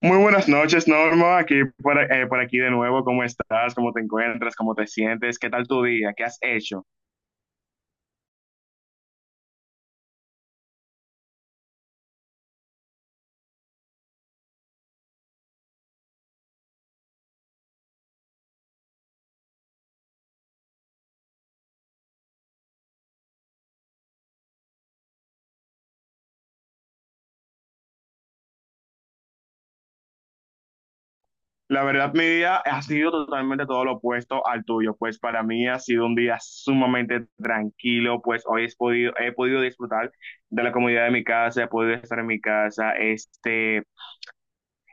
Muy buenas noches, Norma. Aquí por aquí de nuevo. ¿Cómo estás? ¿Cómo te encuentras? ¿Cómo te sientes? ¿Qué tal tu día? ¿Qué has hecho? La verdad, mi día ha sido totalmente todo lo opuesto al tuyo. Pues para mí ha sido un día sumamente tranquilo. Pues hoy he podido disfrutar de la comodidad de mi casa, he podido estar en mi casa.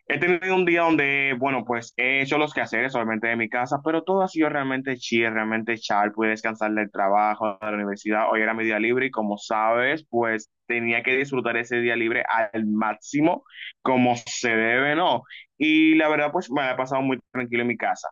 He tenido un día donde, bueno, pues he hecho los quehaceres obviamente de mi casa, pero todo ha sido realmente chill, realmente chal. Pude descansar del trabajo, de la universidad. Hoy era mi día libre y, como sabes, pues tenía que disfrutar ese día libre al máximo, como se debe, ¿no? Y la verdad, pues me la he pasado muy tranquilo en mi casa.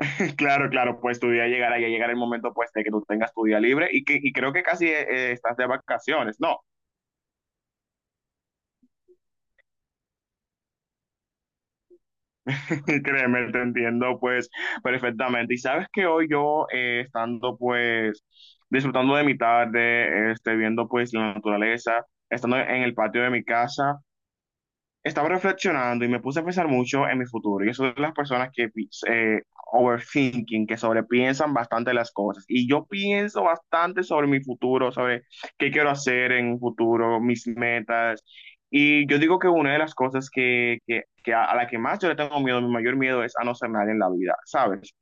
Claro, claro, pues tu día llegará, ya llegará el momento, pues, de que tú tengas tu día libre y creo que casi estás de vacaciones, ¿no? Créeme, te entiendo pues perfectamente. Y sabes que hoy yo, estando pues disfrutando de mi tarde, viendo pues la naturaleza, estando en el patio de mi casa, estaba reflexionando y me puse a pensar mucho en mi futuro. Y eso de las personas que overthinking, que sobrepiensan bastante las cosas. Y yo pienso bastante sobre mi futuro, sobre qué quiero hacer en un futuro, mis metas. Y yo digo que una de las cosas que a la que más yo le tengo miedo, mi mayor miedo es a no ser nadie en la vida, ¿sabes?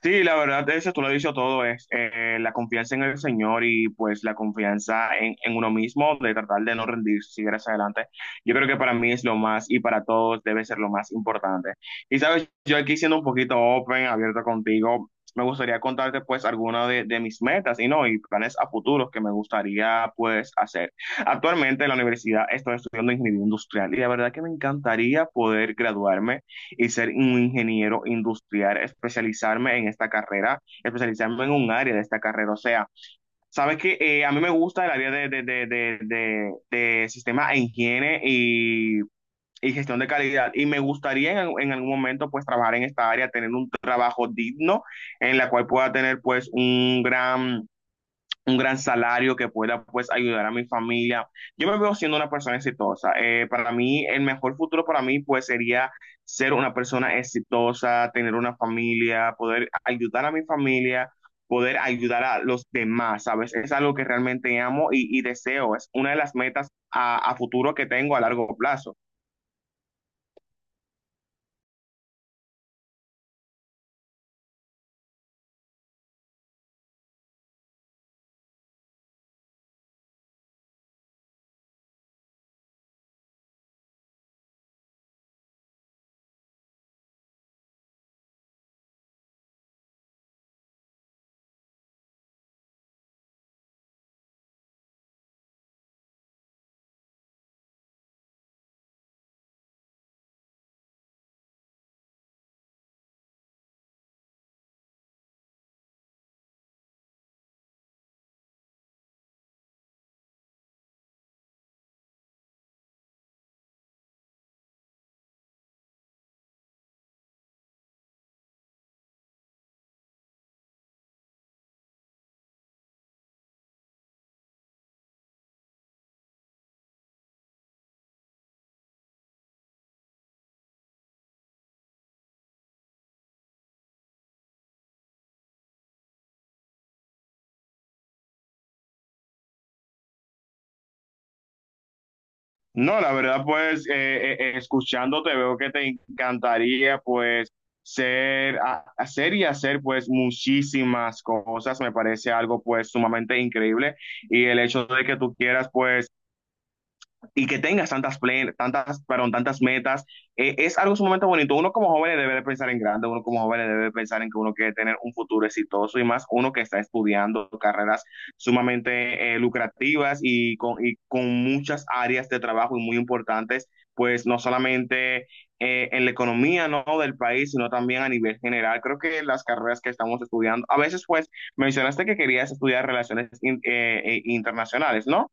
Sí, la verdad, eso tú lo has dicho todo, es la confianza en el Señor y pues la confianza en uno mismo, de tratar de no rendirse, seguir hacia adelante. Yo creo que para mí es lo más y para todos debe ser lo más importante. Y sabes, yo aquí siendo un poquito open, abierto contigo, me gustaría contarte pues algunas de mis metas y no, y planes a futuros que me gustaría pues hacer. Actualmente en la universidad estoy estudiando ingeniería industrial y la verdad que me encantaría poder graduarme y ser un ingeniero industrial, especializarme en esta carrera, especializarme en un área de esta carrera. O sea, sabes que, a mí me gusta el área de sistema e higiene y gestión de calidad. Y me gustaría en algún momento pues trabajar en esta área, tener un trabajo digno en la cual pueda tener pues un gran salario que pueda pues ayudar a mi familia. Yo me veo siendo una persona exitosa. Para mí, el mejor futuro para mí pues sería ser una persona exitosa, tener una familia, poder ayudar a mi familia, poder ayudar a los demás, ¿sabes? Es algo que realmente amo y deseo. Es una de las metas a futuro que tengo a largo plazo. No, la verdad, pues escuchándote veo que te encantaría pues hacer y hacer pues muchísimas cosas. Me parece algo pues sumamente increíble y el hecho de que tú quieras pues y que tengas tantas, tantas, perdón, tantas metas, es algo sumamente bonito. Uno como joven debe de pensar en grande, uno como joven debe de pensar en que uno quiere tener un futuro exitoso y más uno que está estudiando carreras sumamente lucrativas y con muchas áreas de trabajo y muy importantes, pues no solamente en la economía, ¿no?, del país, sino también a nivel general. Creo que las carreras que estamos estudiando, a veces pues mencionaste que querías estudiar relaciones internacionales, ¿no?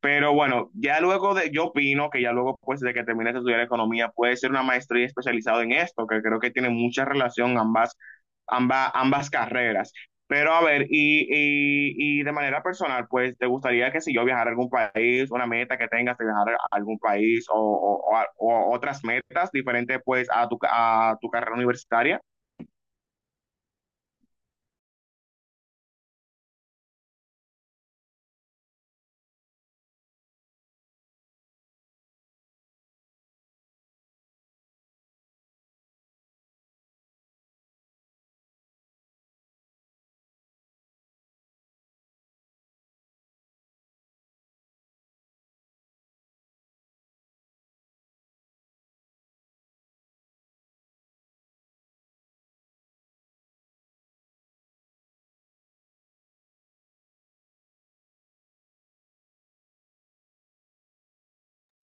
Pero bueno, ya luego de, yo opino que ya luego pues de que termines de estudiar economía puede ser una maestría especializada en esto, que creo que tiene mucha relación ambas, ambas carreras. Pero a ver, y de manera personal, pues te gustaría que si yo viajara a algún país, una meta que tengas de viajar a algún país o, o otras metas diferentes pues a tu, a tu carrera universitaria.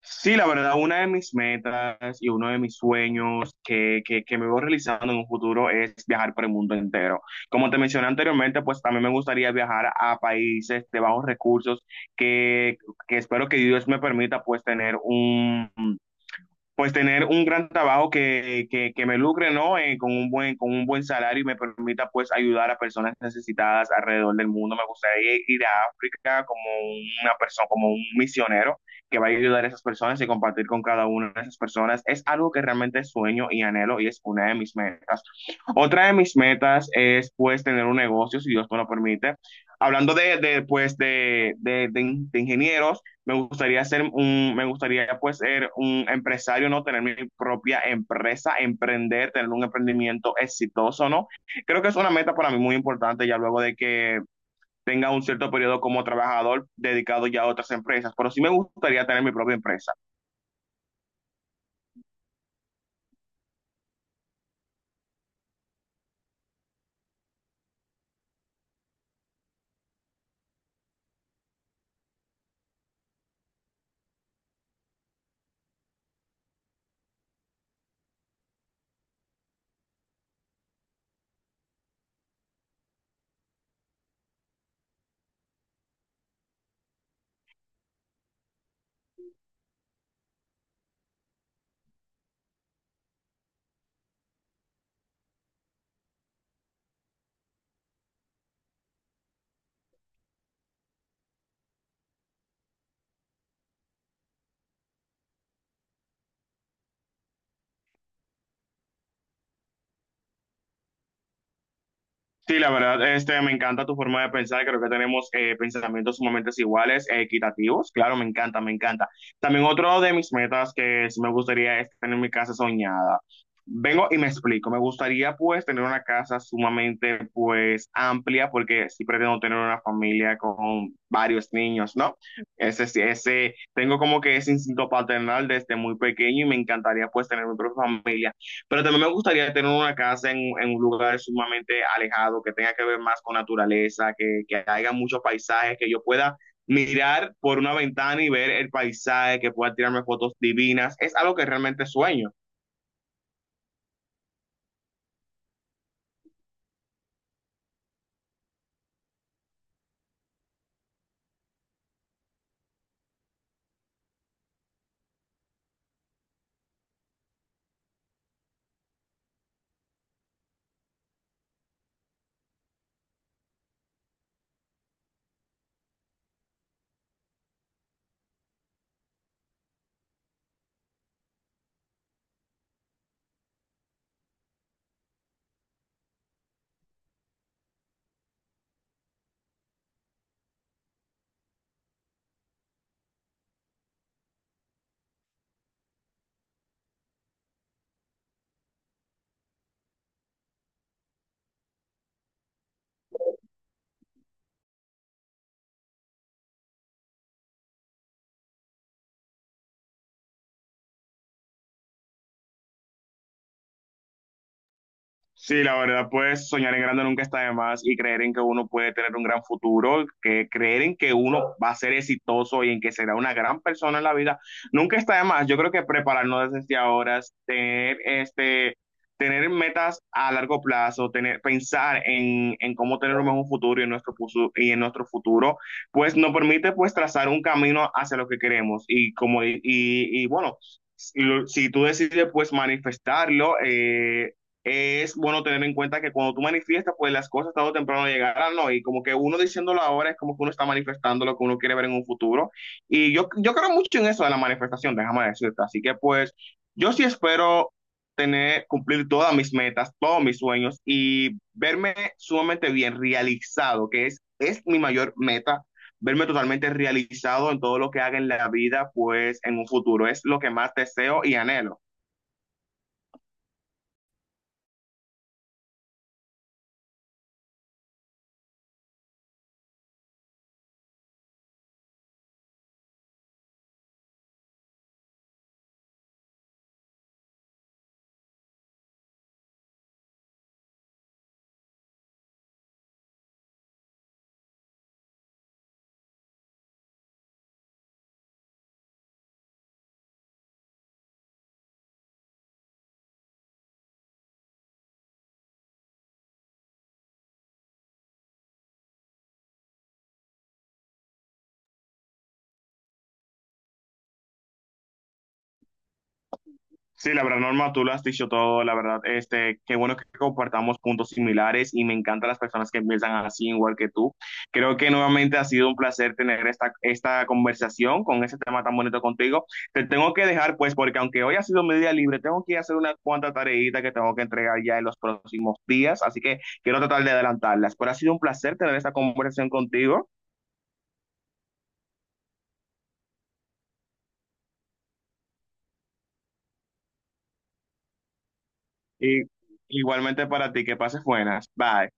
Sí, la verdad, una de mis metas y uno de mis sueños que me voy realizando en un futuro es viajar por el mundo entero. Como te mencioné anteriormente, pues también me gustaría viajar a países de bajos recursos que, que espero que Dios me permita pues tener un gran trabajo que me lucre, ¿no? Con un buen, con un buen salario y me permita pues ayudar a personas necesitadas alrededor del mundo. Me gustaría ir, ir a África como una persona, como un misionero que va a ayudar a esas personas y compartir con cada una de esas personas. Es algo que realmente sueño y anhelo y es una de mis metas. Otra de mis metas es pues tener un negocio, si Dios me lo permite. Hablando de pues de ingenieros, me gustaría ser un, me gustaría pues ser un empresario, ¿no? Tener mi propia empresa, emprender, tener un emprendimiento exitoso, ¿no? Creo que es una meta para mí muy importante ya luego de que tenga un cierto periodo como trabajador dedicado ya a otras empresas, pero sí me gustaría tener mi propia empresa. Sí, la verdad, me encanta tu forma de pensar. Creo que tenemos, pensamientos sumamente iguales, e equitativos. Claro, me encanta, me encanta. También otro de mis metas que sí me gustaría es tener mi casa soñada. Vengo y me explico. Me gustaría pues tener una casa sumamente pues amplia porque sí pretendo tener una familia con varios niños, ¿no? Ese, sí, ese, tengo como que ese instinto paternal desde muy pequeño y me encantaría pues tener mi propia familia. Pero también me gustaría tener una casa en un lugar sumamente alejado, que tenga que ver más con naturaleza, que haya muchos paisajes, que yo pueda mirar por una ventana y ver el paisaje, que pueda tirarme fotos divinas. Es algo que realmente sueño. Sí, la verdad, pues soñar en grande nunca está de más y creer en que uno puede tener un gran futuro, que creer en que uno va a ser exitoso y en que será una gran persona en la vida, nunca está de más. Yo creo que prepararnos desde ahora, tener tener metas a largo plazo, tener, pensar en cómo tener un mejor futuro y en nuestro y en nuestro futuro, pues nos permite pues trazar un camino hacia lo que queremos y como bueno, si tú decides pues manifestarlo, es bueno tener en cuenta que cuando tú manifiestas, pues las cosas tarde o temprano llegarán, ¿no? Y como que uno diciéndolo ahora es como que uno está manifestando lo que uno quiere ver en un futuro. Y yo creo mucho en eso de la manifestación, déjame decirte. Así que pues yo sí espero tener, cumplir todas mis metas, todos mis sueños y verme sumamente bien realizado, es mi mayor meta, verme totalmente realizado en todo lo que haga en la vida, pues en un futuro. Es lo que más deseo y anhelo. Sí, la verdad, Norma, tú lo has dicho todo, la verdad, qué bueno que compartamos puntos similares y me encantan las personas que piensan así igual que tú. Creo que nuevamente ha sido un placer tener esta conversación con ese tema tan bonito contigo. Te tengo que dejar, pues, porque aunque hoy ha sido mi día libre, tengo que ir a hacer una cuanta tareita que tengo que entregar ya en los próximos días, así que quiero tratar de adelantarlas. Pero ha sido un placer tener esta conversación contigo y igualmente para ti, que pases buenas. Bye.